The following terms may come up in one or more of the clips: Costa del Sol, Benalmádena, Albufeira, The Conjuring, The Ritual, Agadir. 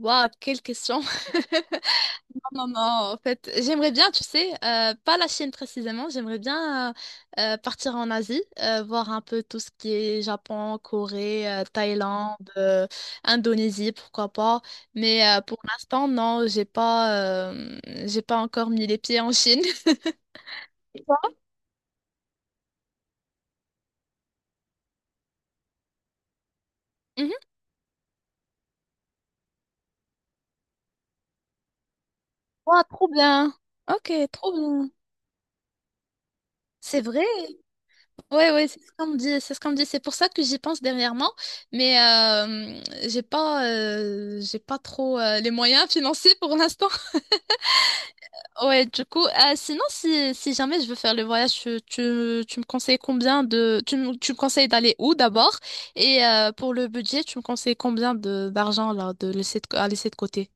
Waouh, quelle question! Non, non, non, en fait, j'aimerais bien, tu sais, pas la Chine précisément, j'aimerais bien partir en Asie, voir un peu tout ce qui est Japon, Corée, Thaïlande, Indonésie, pourquoi pas. Mais pour l'instant, non, j'ai pas encore mis les pieds en Chine. Et toi? Mhm. Waouh, trop bien! Ok, trop bien. C'est vrai? Ouais, ouais, c'est ce qu'on me dit, c'est ce qu'on me dit. C'est pour ça que j'y pense dernièrement, mais j'ai pas trop les moyens financiers pour l'instant. Ouais, du coup, sinon, si jamais je veux faire le voyage, tu me conseilles combien de, tu me conseilles d'aller où d'abord? Et pour le budget, tu me conseilles combien de d'argent là, à laisser de côté?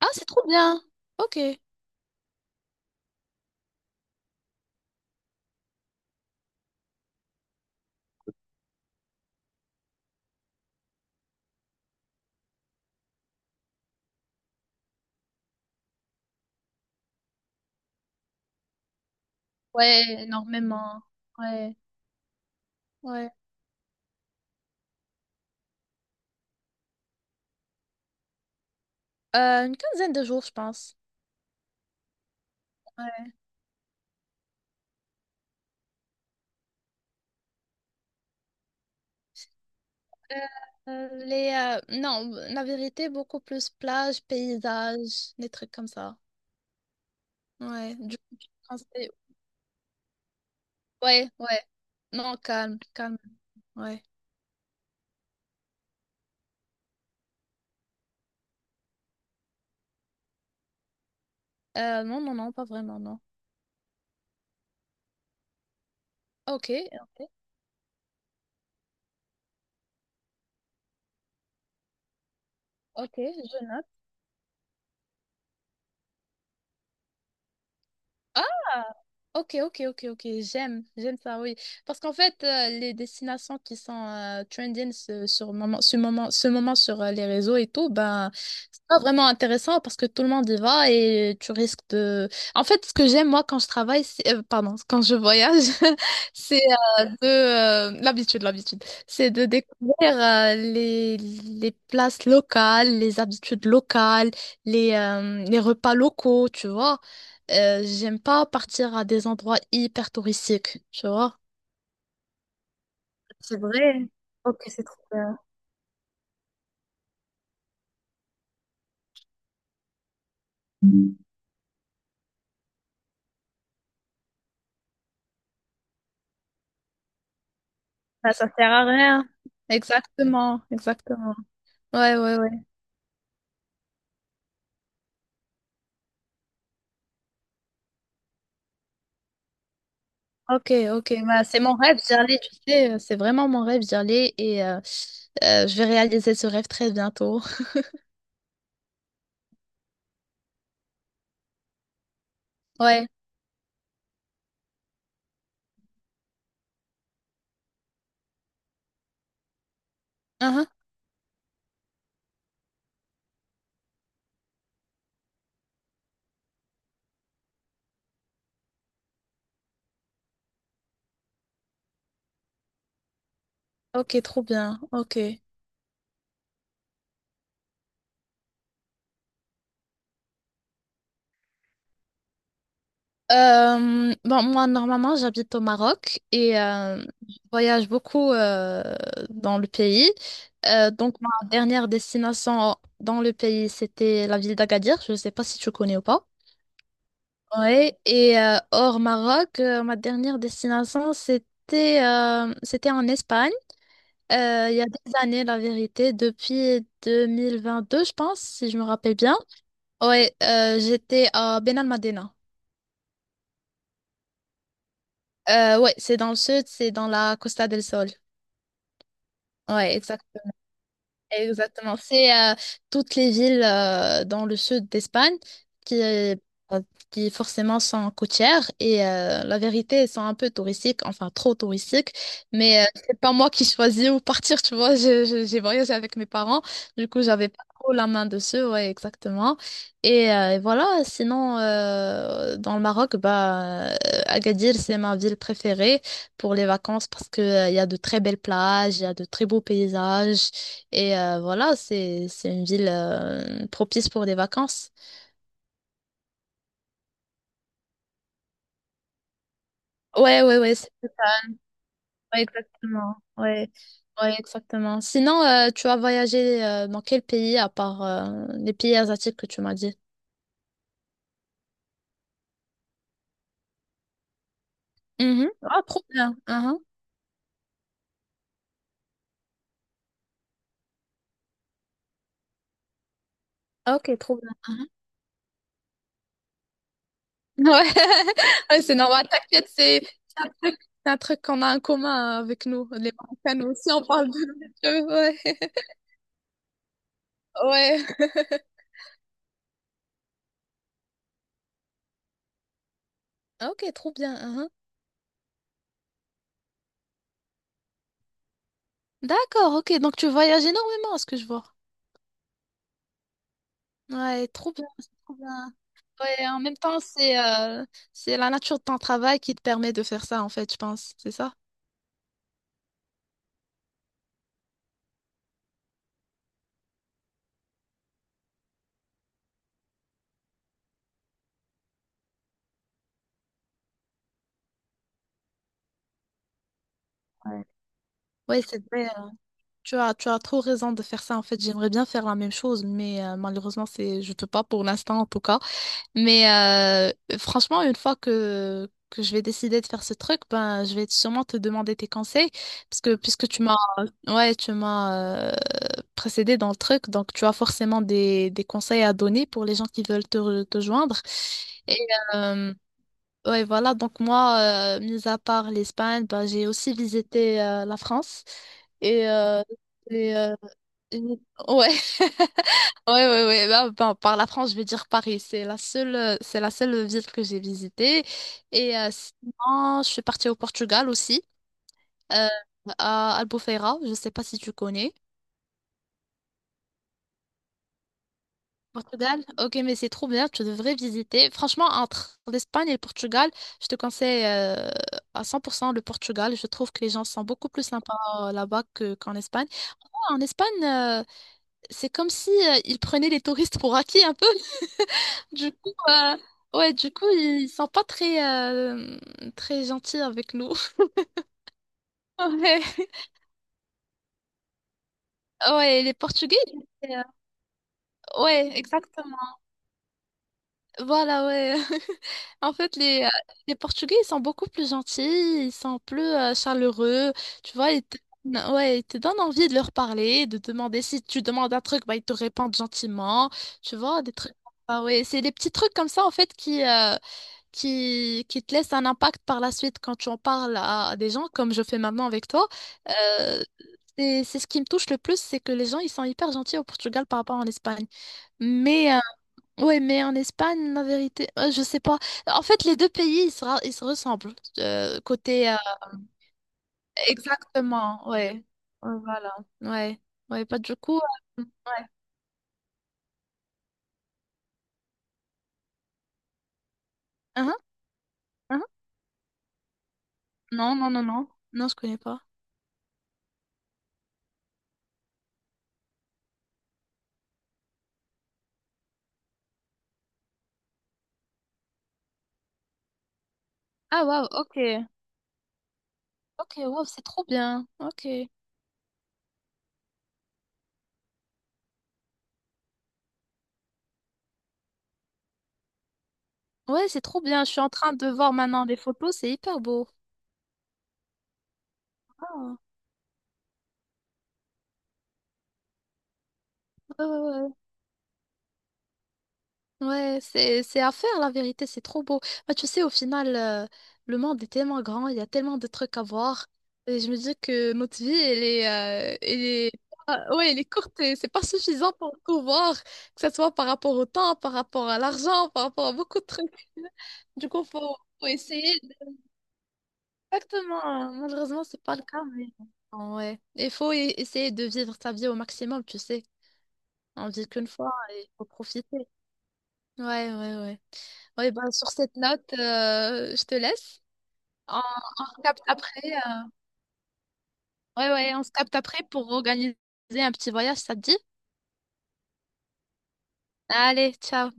Ah, c'est trop bien. Ok. Ouais, énormément. Ouais, ouais. Une quinzaine de jours, je pense. Euh, non, la vérité, beaucoup plus plage, paysage, des trucs comme ça. Ouais, du coup, ouais, ouais. Non, calme, calme. Ouais. Non, non, non, pas vraiment, non. Ok, ok, je note. Ok, ok, ok, ok, j'aime, j'aime ça, oui. Parce qu'en fait, les destinations qui sont trending ce- sur moment, ce moment, ce moment sur les réseaux et tout, ben, c'est pas vraiment intéressant parce que tout le monde y va et tu risques de... En fait, ce que j'aime, moi, quand je travaille, pardon, quand je voyage, c'est l'habitude, l'habitude. C'est de découvrir les places locales, les habitudes locales, les repas locaux, tu vois. J'aime pas partir à des endroits hyper touristiques, tu vois. C'est vrai. Ok, c'est trop bien. Mm. Ah, ça sert à rien. Exactement, exactement. Ouais, ouais, ouais. Ok, ok. Bah, c'est mon rêve d'y aller, tu sais. C'est vraiment mon rêve d'y aller et je vais réaliser ce rêve très bientôt. Ouais. Uhum. Ok, trop bien. Ok. Bon, moi, normalement, j'habite au Maroc et je voyage beaucoup dans le pays. Donc, ma dernière destination dans le pays, c'était la ville d'Agadir. Je ne sais pas si tu connais ou pas. Oui, et hors Maroc, ma dernière destination, c'était en Espagne. Il y a des années, la vérité, depuis 2022, je pense, si je me rappelle bien. Oui, j'étais à Benalmádena. Ouais, c'est dans le sud, c'est dans la Costa del Sol. Ouais, exactement. C'est toutes les villes dans le sud d'Espagne qui, euh, qui forcément sont côtières et la vérité, elles sont un peu touristiques, enfin trop touristiques, mais c'est pas moi qui choisis où partir, tu vois. J'ai voyagé avec mes parents, du coup, j'avais pas trop la main dessus, ouais, exactement. Et voilà, sinon, dans le Maroc, bah, Agadir, c'est ma ville préférée pour les vacances parce que, il y a de très belles plages, il y a de très beaux paysages. Et voilà, c'est une ville propice pour des vacances. Ouais, ouais, ouais, ouais, exactement. Ouais, ouais, exactement. Sinon, tu as voyagé dans quel pays à part les pays asiatiques que tu m'as dit? Mhm. Ah, trop bien. Mhm. Ah, ok, trop bien. Mhm. Ouais, ouais, c'est normal. T'inquiète, c'est un truc, c'est un truc qu'on a en commun avec nous, les Marocains. Nous aussi, on parle de nourriture. Ouais. Ouais. Ah, ok, trop bien. Mhm. D'accord, ok. Donc, tu voyages énormément, à ce que je vois. Ouais, trop bien, c'est trop bien. Ouais, en même temps, c'est la nature de ton travail qui te permet de faire ça, en fait, je pense, c'est ça? Ouais. Ouais, c'est vrai. Hein. Tu as trop raison de faire ça, en fait. J'aimerais bien faire la même chose, mais malheureusement, je peux pas pour l'instant, en tout cas. Mais franchement, une fois que je vais décider de faire ce truc, ben, je vais sûrement te demander tes conseils, parce que puisque ouais, tu m'as précédé dans le truc, donc tu as forcément des, conseils à donner pour les gens qui veulent te joindre. Et euh, ouais, voilà, donc moi, mis à part l'Espagne, ben, j'ai aussi visité la France. Et, euh, et, euh, et- ouais. Ouais, ouais, ouais. Bah, par la France, je vais dire Paris. C'est la seule ville que j'ai visitée. Et sinon, je suis partie au Portugal aussi, euh, à Albufeira. Je sais pas si tu connais. Portugal? Ok, mais c'est trop bien. Tu devrais visiter. Franchement, entre l'Espagne et le Portugal, je te conseille à 100% le Portugal. Je trouve que les gens sont beaucoup plus sympas là-bas qu'en Espagne. En Espagne, c'est comme si ils prenaient les touristes pour acquis un peu. Du coup, ouais, du coup, ils sont pas très, très gentils avec nous. Ouais, ouais, les Portugais, ils étaient, ouais, exactement. Voilà, ouais. En fait, les Portugais, ils sont beaucoup plus gentils, ils sont plus chaleureux, tu vois, ouais, ils te donnent envie de leur parler, de demander si tu demandes un truc, bah, ils te répondent gentiment, tu vois, des trucs. Ah ouais, c'est des petits trucs comme ça, en fait, qui te laisse un impact par la suite quand tu en parles à des gens, comme je fais maintenant avec toi. Euh, c'est ce qui me touche le plus, c'est que les gens, ils sont hyper gentils au Portugal par rapport en Espagne. Mais, ouais, mais en Espagne, la vérité, je sais pas. En fait, les deux pays, ils se ressemblent. Côté, exactement, ouais. Ouais, voilà, ouais. Ouais, pas du coup. Ouais. Hein, hein. Non, non, non, non. Non, je connais pas. Ah, waouh, ok. Ok, waouh, c'est trop bien. Ok. Ouais, c'est trop bien. Je suis en train de voir maintenant les photos. C'est hyper beau. Ah. Ouais, ouais, ouais. Ouais, c'est à faire, la vérité. C'est trop beau. Bah, tu sais, au final, le monde est tellement grand. Il y a tellement de trucs à voir. Et je me dis que notre vie, ah, ouais, elle est courte et c'est pas suffisant pour tout voir. Que ce soit par rapport au temps, par rapport à l'argent, par rapport à beaucoup de trucs. Du coup, faut essayer. Exactement, hein. Malheureusement, c'est pas le cas, mais bon, ouais. Il faut essayer de vivre sa vie au maximum, tu sais. On vit qu'une fois et il faut profiter. Ouais, ouais, ouais. Ouais, bah, sur cette note, je te laisse. On, on se capte après. Ouais, ouais, on se capte après pour organiser un petit voyage, ça te dit? Allez, ciao.